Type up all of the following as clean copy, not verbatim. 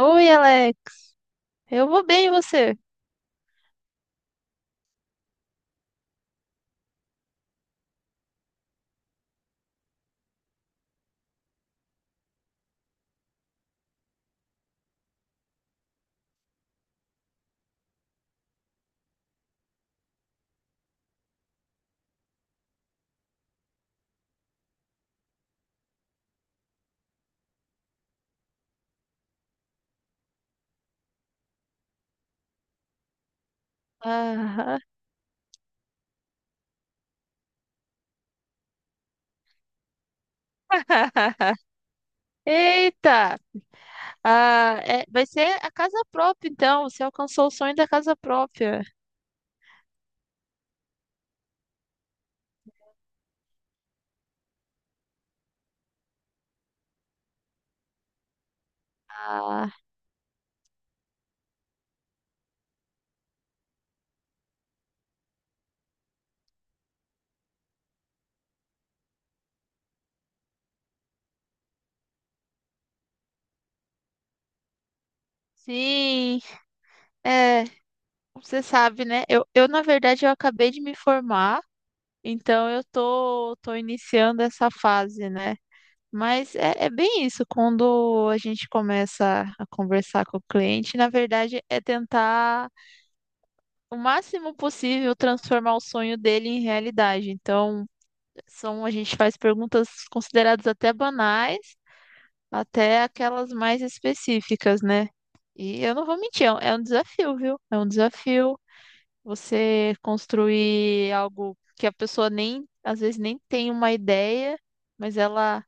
Oi, Alex. Eu vou bem, e você? Ah, eita! Ah, vai ser a casa própria, então. Você alcançou o sonho da casa própria. Ah, sim. É, você sabe, né? Eu, na verdade, eu acabei de me formar, então eu tô iniciando essa fase, né? Mas é, é bem isso, quando a gente começa a conversar com o cliente, na verdade, é tentar o máximo possível transformar o sonho dele em realidade. Então, são, a gente faz perguntas consideradas até banais, até aquelas mais específicas, né? E eu não vou mentir, é um desafio, viu? É um desafio você construir algo que a pessoa nem, às vezes nem tem uma ideia, mas ela,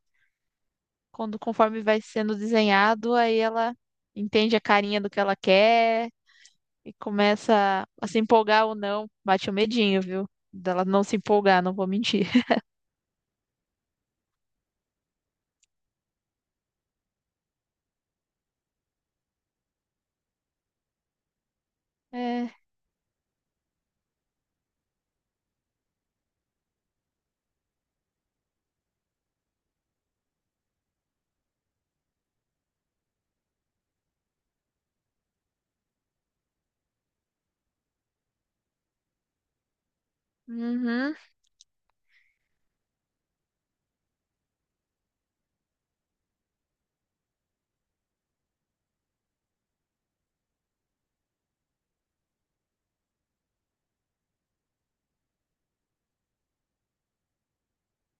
quando conforme vai sendo desenhado, aí ela entende a carinha do que ela quer e começa a se empolgar ou não, bate o medinho, viu? Dela não se empolgar, não vou mentir. É. Uhum.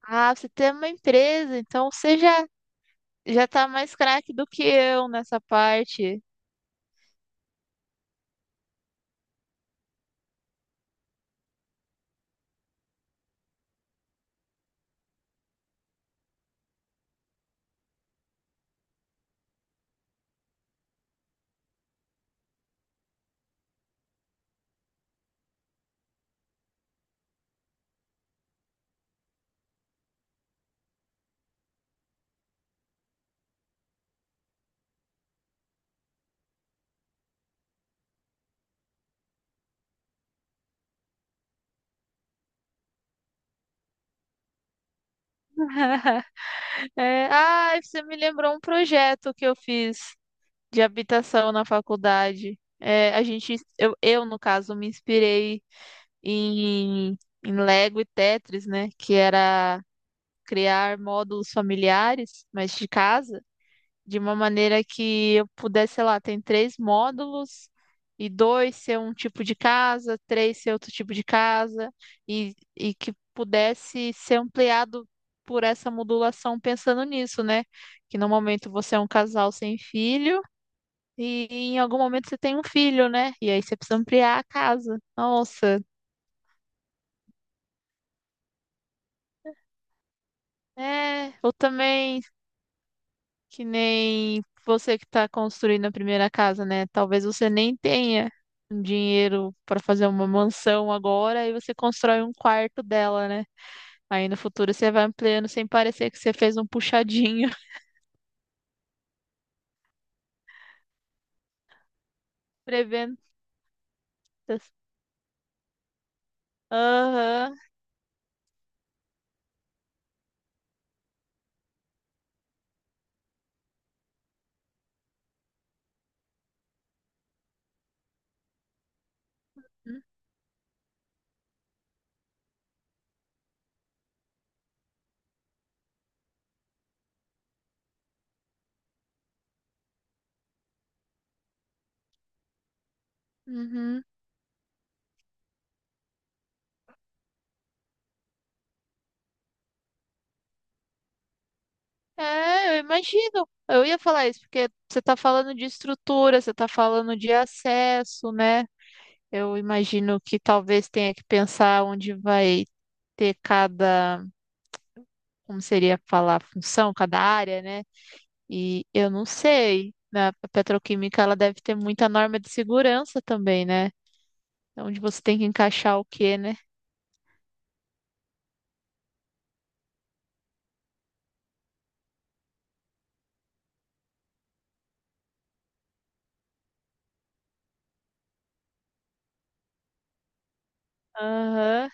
Ah, você tem uma empresa, então você já tá mais craque do que eu nessa parte. É, ah, você me lembrou um projeto que eu fiz de habitação na faculdade. É, a gente, eu, no caso, me inspirei em, em Lego e Tetris, né? Que era criar módulos familiares, mas de casa. De uma maneira que eu pudesse, sei lá, tem três módulos e dois ser um tipo de casa, três ser outro tipo de casa e que pudesse ser ampliado por essa modulação pensando nisso, né? Que no momento você é um casal sem filho e em algum momento você tem um filho, né? E aí você precisa ampliar a casa. Nossa, é, eu também que nem você que está construindo a primeira casa, né? Talvez você nem tenha um dinheiro para fazer uma mansão agora e você constrói um quarto dela, né? Aí no futuro você vai ampliando sem parecer que você fez um puxadinho. Prevendo. Aham. Uhum. É, eu imagino. Eu ia falar isso, porque você está falando de estrutura, você está falando de acesso, né? Eu imagino que talvez tenha que pensar onde vai ter cada. Como seria falar função, cada área, né? E eu não sei. Na petroquímica ela deve ter muita norma de segurança também, né? Onde você tem que encaixar o quê, né? Aham,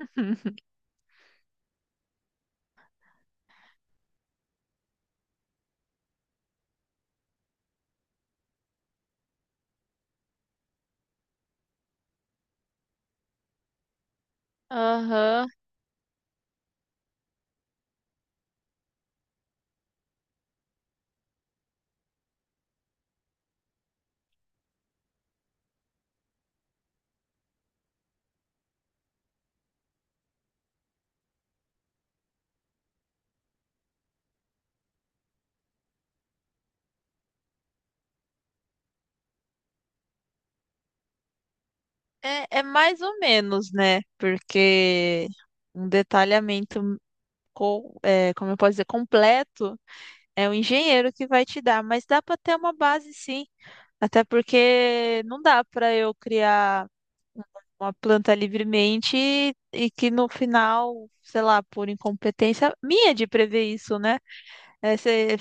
aham. É, é mais ou menos, né? Porque um detalhamento, é, como eu posso dizer, completo é o engenheiro que vai te dar, mas dá para ter uma base sim. Até porque não dá para eu criar uma planta livremente e, que no final, sei lá, por incompetência minha de prever isso, né? É, você,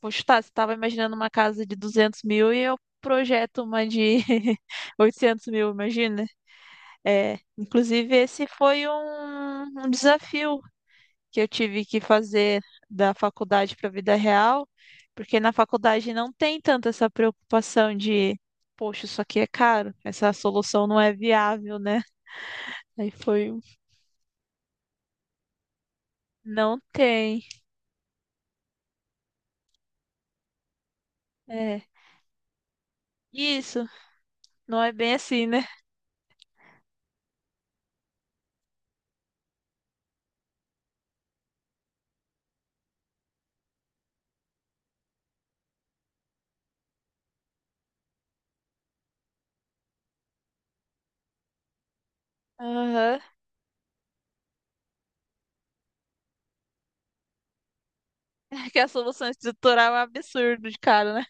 poxa, tá, você estava imaginando uma casa de 200.000 e eu projeto uma de 800.000, imagina? É, inclusive, esse foi um desafio que eu tive que fazer da faculdade para a vida real, porque na faculdade não tem tanto essa preocupação de. Poxa, isso aqui é caro, essa solução não é viável, né? Aí foi não tem. É. Isso, não é bem assim, né? Aham. É que a solução estrutural é um absurdo de cara, né?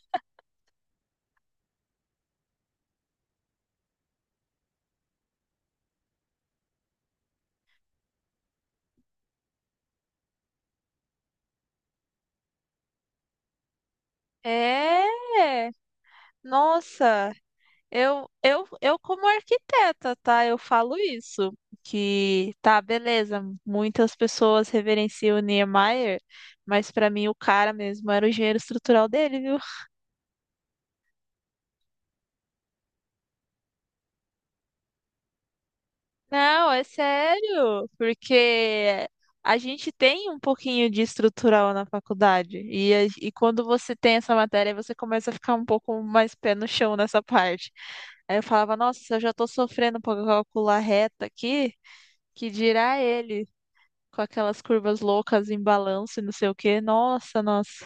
É. Nossa, eu como arquiteta, tá? Eu falo isso, que tá, beleza, muitas pessoas reverenciam o Niemeyer, mas pra mim o cara mesmo era o engenheiro estrutural dele, viu? Não, é sério, porque a gente tem um pouquinho de estrutural na faculdade, e, e quando você tem essa matéria, você começa a ficar um pouco mais pé no chão nessa parte. Aí eu falava, nossa, se eu já tô sofrendo pra calcular reta aqui, que dirá ele, com aquelas curvas loucas em balanço e não sei o quê. Nossa, nossa,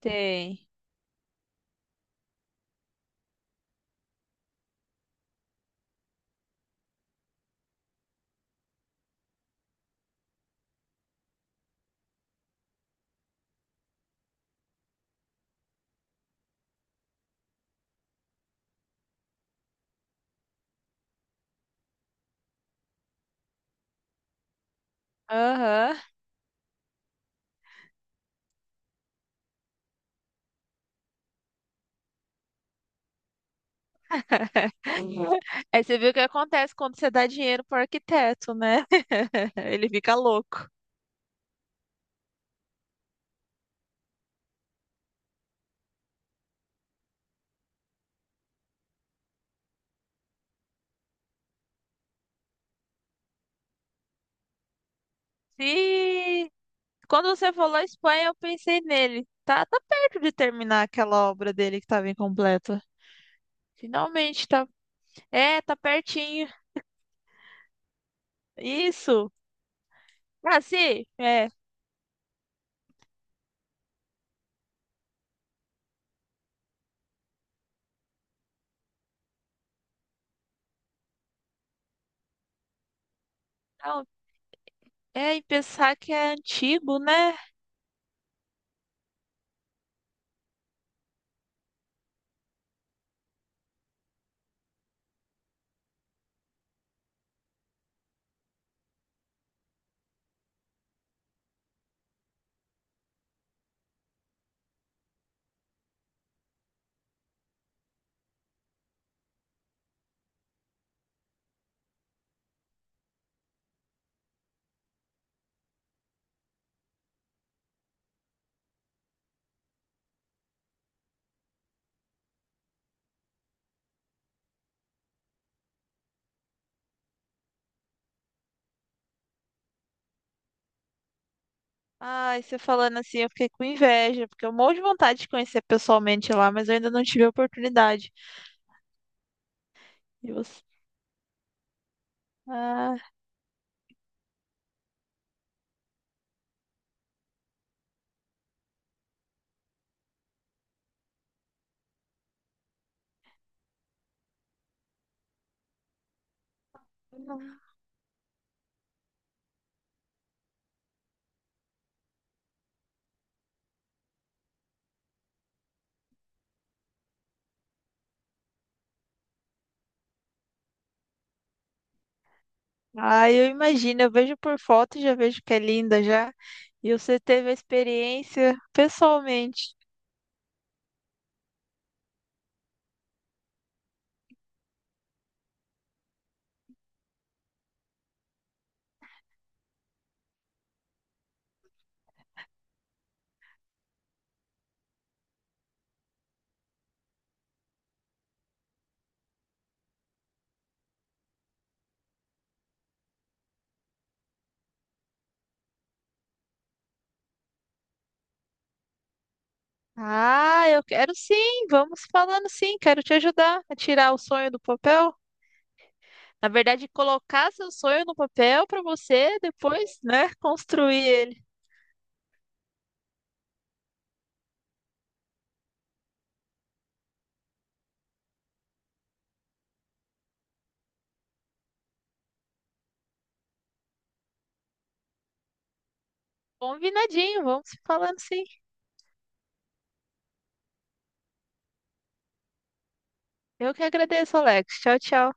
tem. Aham. Aí você viu o que acontece quando você dá dinheiro pro arquiteto, né? Ele fica louco. Sim! Quando você falou Espanha, eu pensei nele. Tá, tá perto de terminar aquela obra dele que estava incompleta. Finalmente, tá. É, tá pertinho. Isso. Ah, sim. É. Não, é, e pensar que é antigo, né? Ai, você falando assim, eu fiquei com inveja, porque eu morro de vontade de conhecer pessoalmente lá, mas eu ainda não tive a oportunidade. E ah, ah, eu imagino, eu vejo por foto e já vejo que é linda já. E você teve a experiência pessoalmente. Ah, eu quero sim, vamos falando sim, quero te ajudar a tirar o sonho do papel. Na verdade, colocar seu sonho no papel para você depois, né, construir ele. Combinadinho, vamos falando sim. Eu que agradeço, Alex. Tchau, tchau.